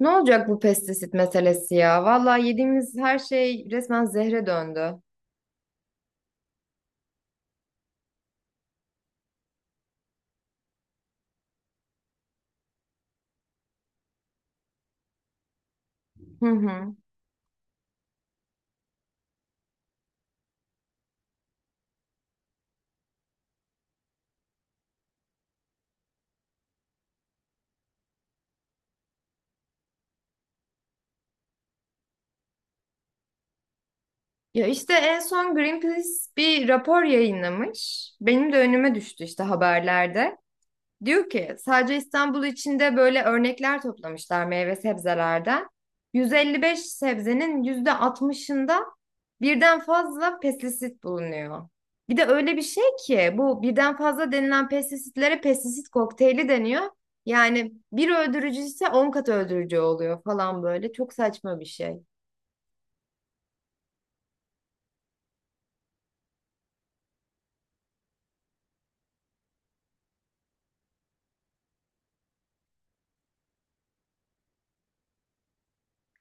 Ne olacak bu pestisit meselesi ya? Vallahi yediğimiz her şey resmen zehre döndü. Hı hı. Ya işte en son Greenpeace bir rapor yayınlamış. Benim de önüme düştü işte haberlerde. Diyor ki sadece İstanbul içinde böyle örnekler toplamışlar meyve sebzelerden. 155 sebzenin %60'ında birden fazla pestisit bulunuyor. Bir de öyle bir şey ki bu birden fazla denilen pestisitlere pestisit kokteyli deniyor. Yani bir öldürücü ise 10 kat öldürücü oluyor falan böyle. Çok saçma bir şey.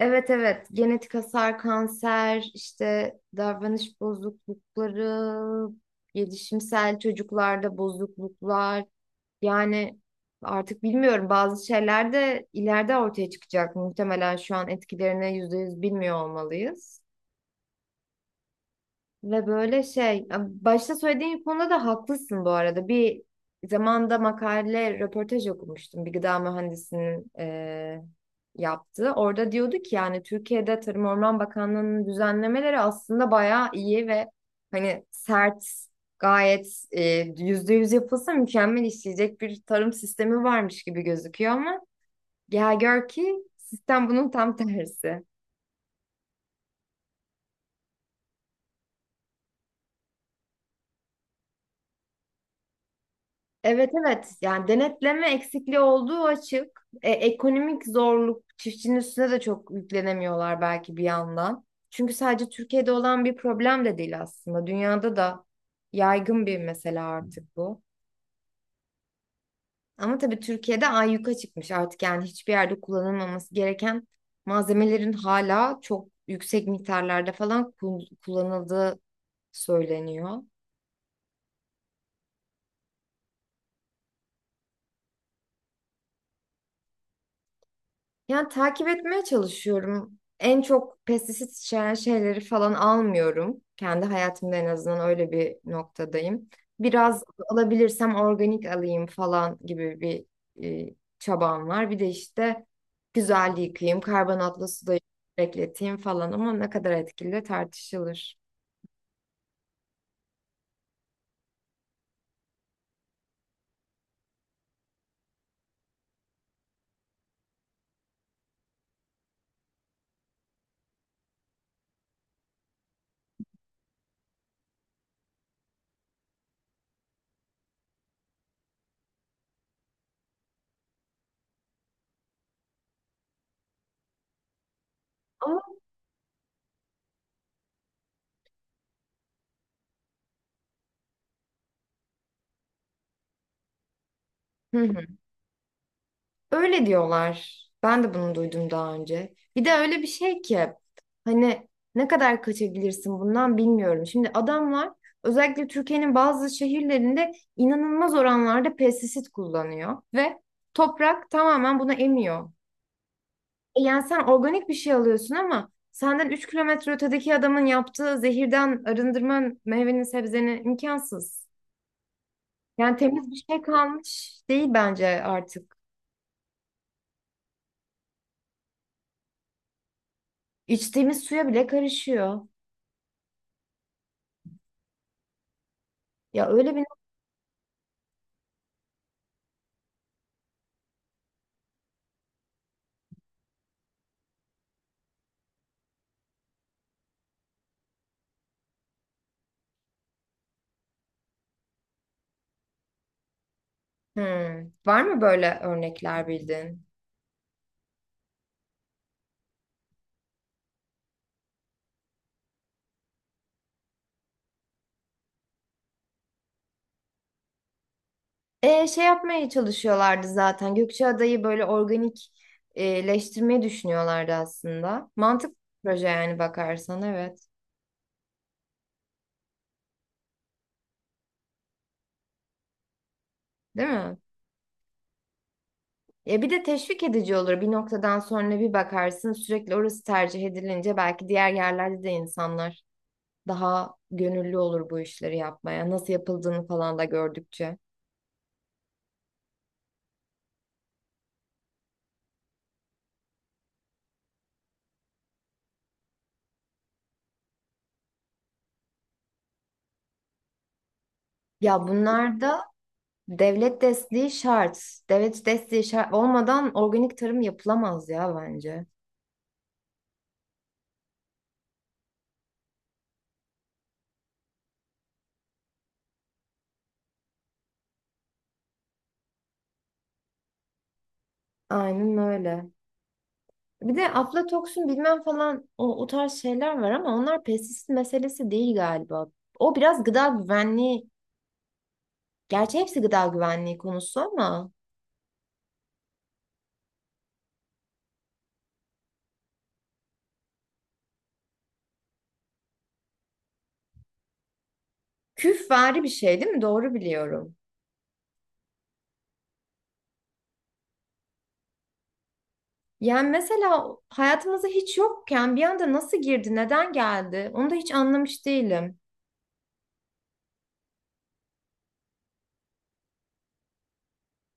Evet evet, genetik hasar, kanser, işte davranış bozuklukları, gelişimsel çocuklarda bozukluklar. Yani artık bilmiyorum, bazı şeyler de ileride ortaya çıkacak. Muhtemelen şu an etkilerini yüzde yüz bilmiyor olmalıyız. Ve böyle şey, başta söylediğin konuda da haklısın bu arada. Bir zamanda makale, röportaj okumuştum. Bir gıda mühendisinin yaptığı. Orada diyordu ki yani Türkiye'de Tarım Orman Bakanlığı'nın düzenlemeleri aslında bayağı iyi ve hani sert, gayet %100 yapılsa mükemmel işleyecek bir tarım sistemi varmış gibi gözüküyor ama gel gör ki sistem bunun tam tersi. Evet evet, yani denetleme eksikliği olduğu açık. Ekonomik zorluk, çiftçinin üstüne de çok yüklenemiyorlar belki bir yandan. Çünkü sadece Türkiye'de olan bir problem de değil aslında. Dünyada da yaygın bir mesele artık bu. Ama tabii Türkiye'de ayyuka çıkmış artık, yani hiçbir yerde kullanılmaması gereken malzemelerin hala çok yüksek miktarlarda falan kullanıldığı söyleniyor. Yani takip etmeye çalışıyorum. En çok pestisit içeren şeyleri falan almıyorum. Kendi hayatımda en azından öyle bir noktadayım. Biraz alabilirsem organik alayım falan gibi bir çabam var. Bir de işte güzel yıkayayım, karbonatlı suda bekleteyim falan ama ne kadar etkili tartışılır. Ama Hı hı. Öyle diyorlar. Ben de bunu duydum daha önce. Bir de öyle bir şey ki hani ne kadar kaçabilirsin bundan bilmiyorum. Şimdi adamlar özellikle Türkiye'nin bazı şehirlerinde inanılmaz oranlarda pestisit kullanıyor ve toprak tamamen buna emiyor. E yani sen organik bir şey alıyorsun ama senden 3 kilometre ötedeki adamın yaptığı zehirden arındırman meyveni sebzeni imkansız. Yani temiz bir şey kalmış değil bence artık. İçtiğimiz suya bile karışıyor. Ya öyle bir Hmm. Var mı böyle örnekler bildiğin? E, şey yapmaya çalışıyorlardı zaten. Gökçeada'yı böyle organikleştirmeyi düşünüyorlardı aslında. Mantıklı bir proje yani, bakarsan evet. Değil mi? Ya bir de teşvik edici olur. Bir noktadan sonra bir bakarsın, sürekli orası tercih edilince belki diğer yerlerde de insanlar daha gönüllü olur bu işleri yapmaya. Nasıl yapıldığını falan da gördükçe. Ya bunlarda Devlet desteği şart. Devlet desteği şart olmadan organik tarım yapılamaz ya bence. Aynen öyle. Bir de aflatoksin bilmem falan, o, o tarz şeyler var ama onlar pestisit meselesi değil galiba. O biraz gıda güvenliği, gerçi hepsi gıda güvenliği konusu ama küfvari bir şey değil mi? Doğru biliyorum. Yani mesela hayatımızda hiç yokken bir anda nasıl girdi, neden geldi? Onu da hiç anlamış değilim.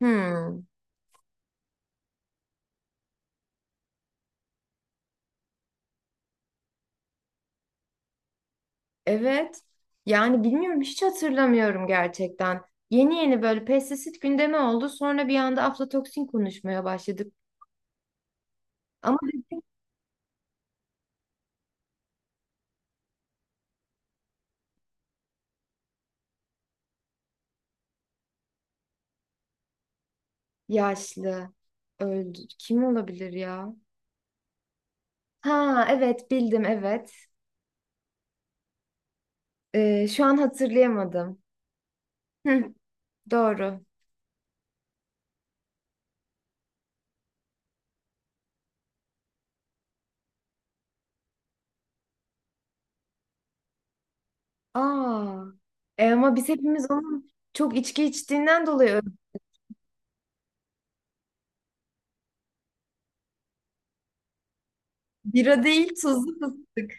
Hmm. Evet. Yani bilmiyorum, hiç hatırlamıyorum gerçekten. Yeni yeni böyle pestisit gündemi oldu. Sonra bir anda aflatoksin konuşmaya başladık. Ama yaşlı öldü. Kim olabilir ya? Ha evet, bildim evet. Şu an hatırlayamadım. Hı, doğru. Aa. E ama biz hepimiz onun çok içki içtiğinden dolayı öldük. Bira değil, tuzlu fıstık.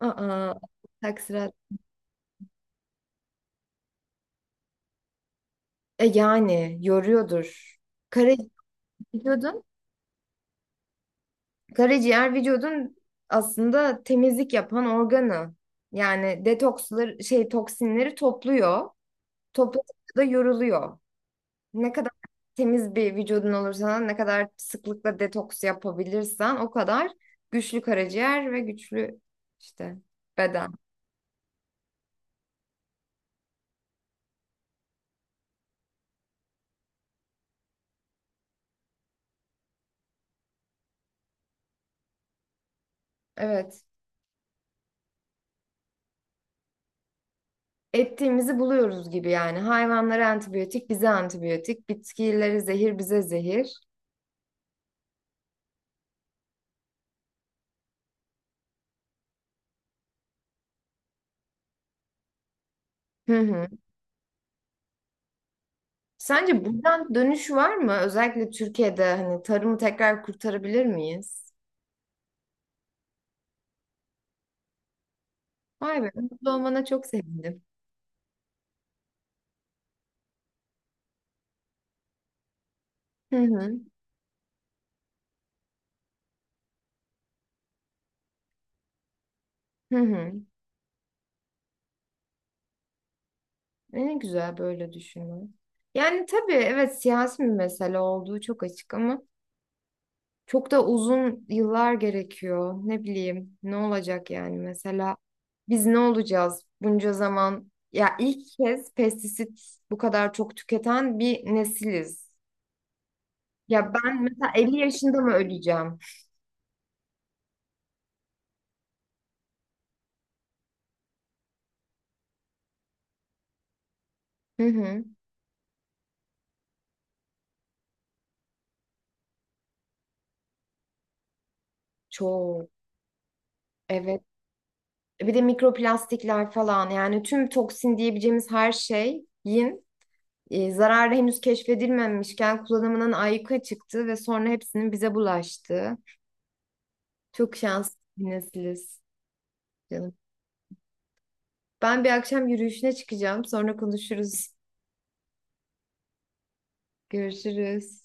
Aa. Taksirat. E yani yoruyordur. Kara Biliyordun. Karaciğer vücudun aslında temizlik yapan organı. Yani detoksları şey toksinleri topluyor. Topladıkça da yoruluyor. Ne kadar temiz bir vücudun olursa, ne kadar sıklıkla detoks yapabilirsen o kadar güçlü karaciğer ve güçlü işte beden. Evet. Ettiğimizi buluyoruz gibi yani. Hayvanlara antibiyotik, bize antibiyotik. Bitkileri zehir, bize zehir. Hı hı. Sence buradan dönüş var mı? Özellikle Türkiye'de hani tarımı tekrar kurtarabilir miyiz? Vay be, mutlu olmana çok sevindim. Hı hı, hı hı. Ne güzel böyle düşünmek. Yani tabii evet, siyasi bir mesele olduğu çok açık ama çok da uzun yıllar gerekiyor. Ne bileyim ne olacak yani, mesela biz ne olacağız bunca zaman? Ya ilk kez pestisit bu kadar çok tüketen bir nesiliz. Ya ben mesela 50 yaşında mı öleceğim? Hı hı. Çok. Evet. Bir de mikroplastikler falan, yani tüm toksin diyebileceğimiz her şeyin zararı henüz keşfedilmemişken kullanımının ayyuka çıktığı ve sonra hepsinin bize bulaştığı. Çok şanslı bir nesiliz canım. Ben bir akşam yürüyüşüne çıkacağım. Sonra konuşuruz. Görüşürüz.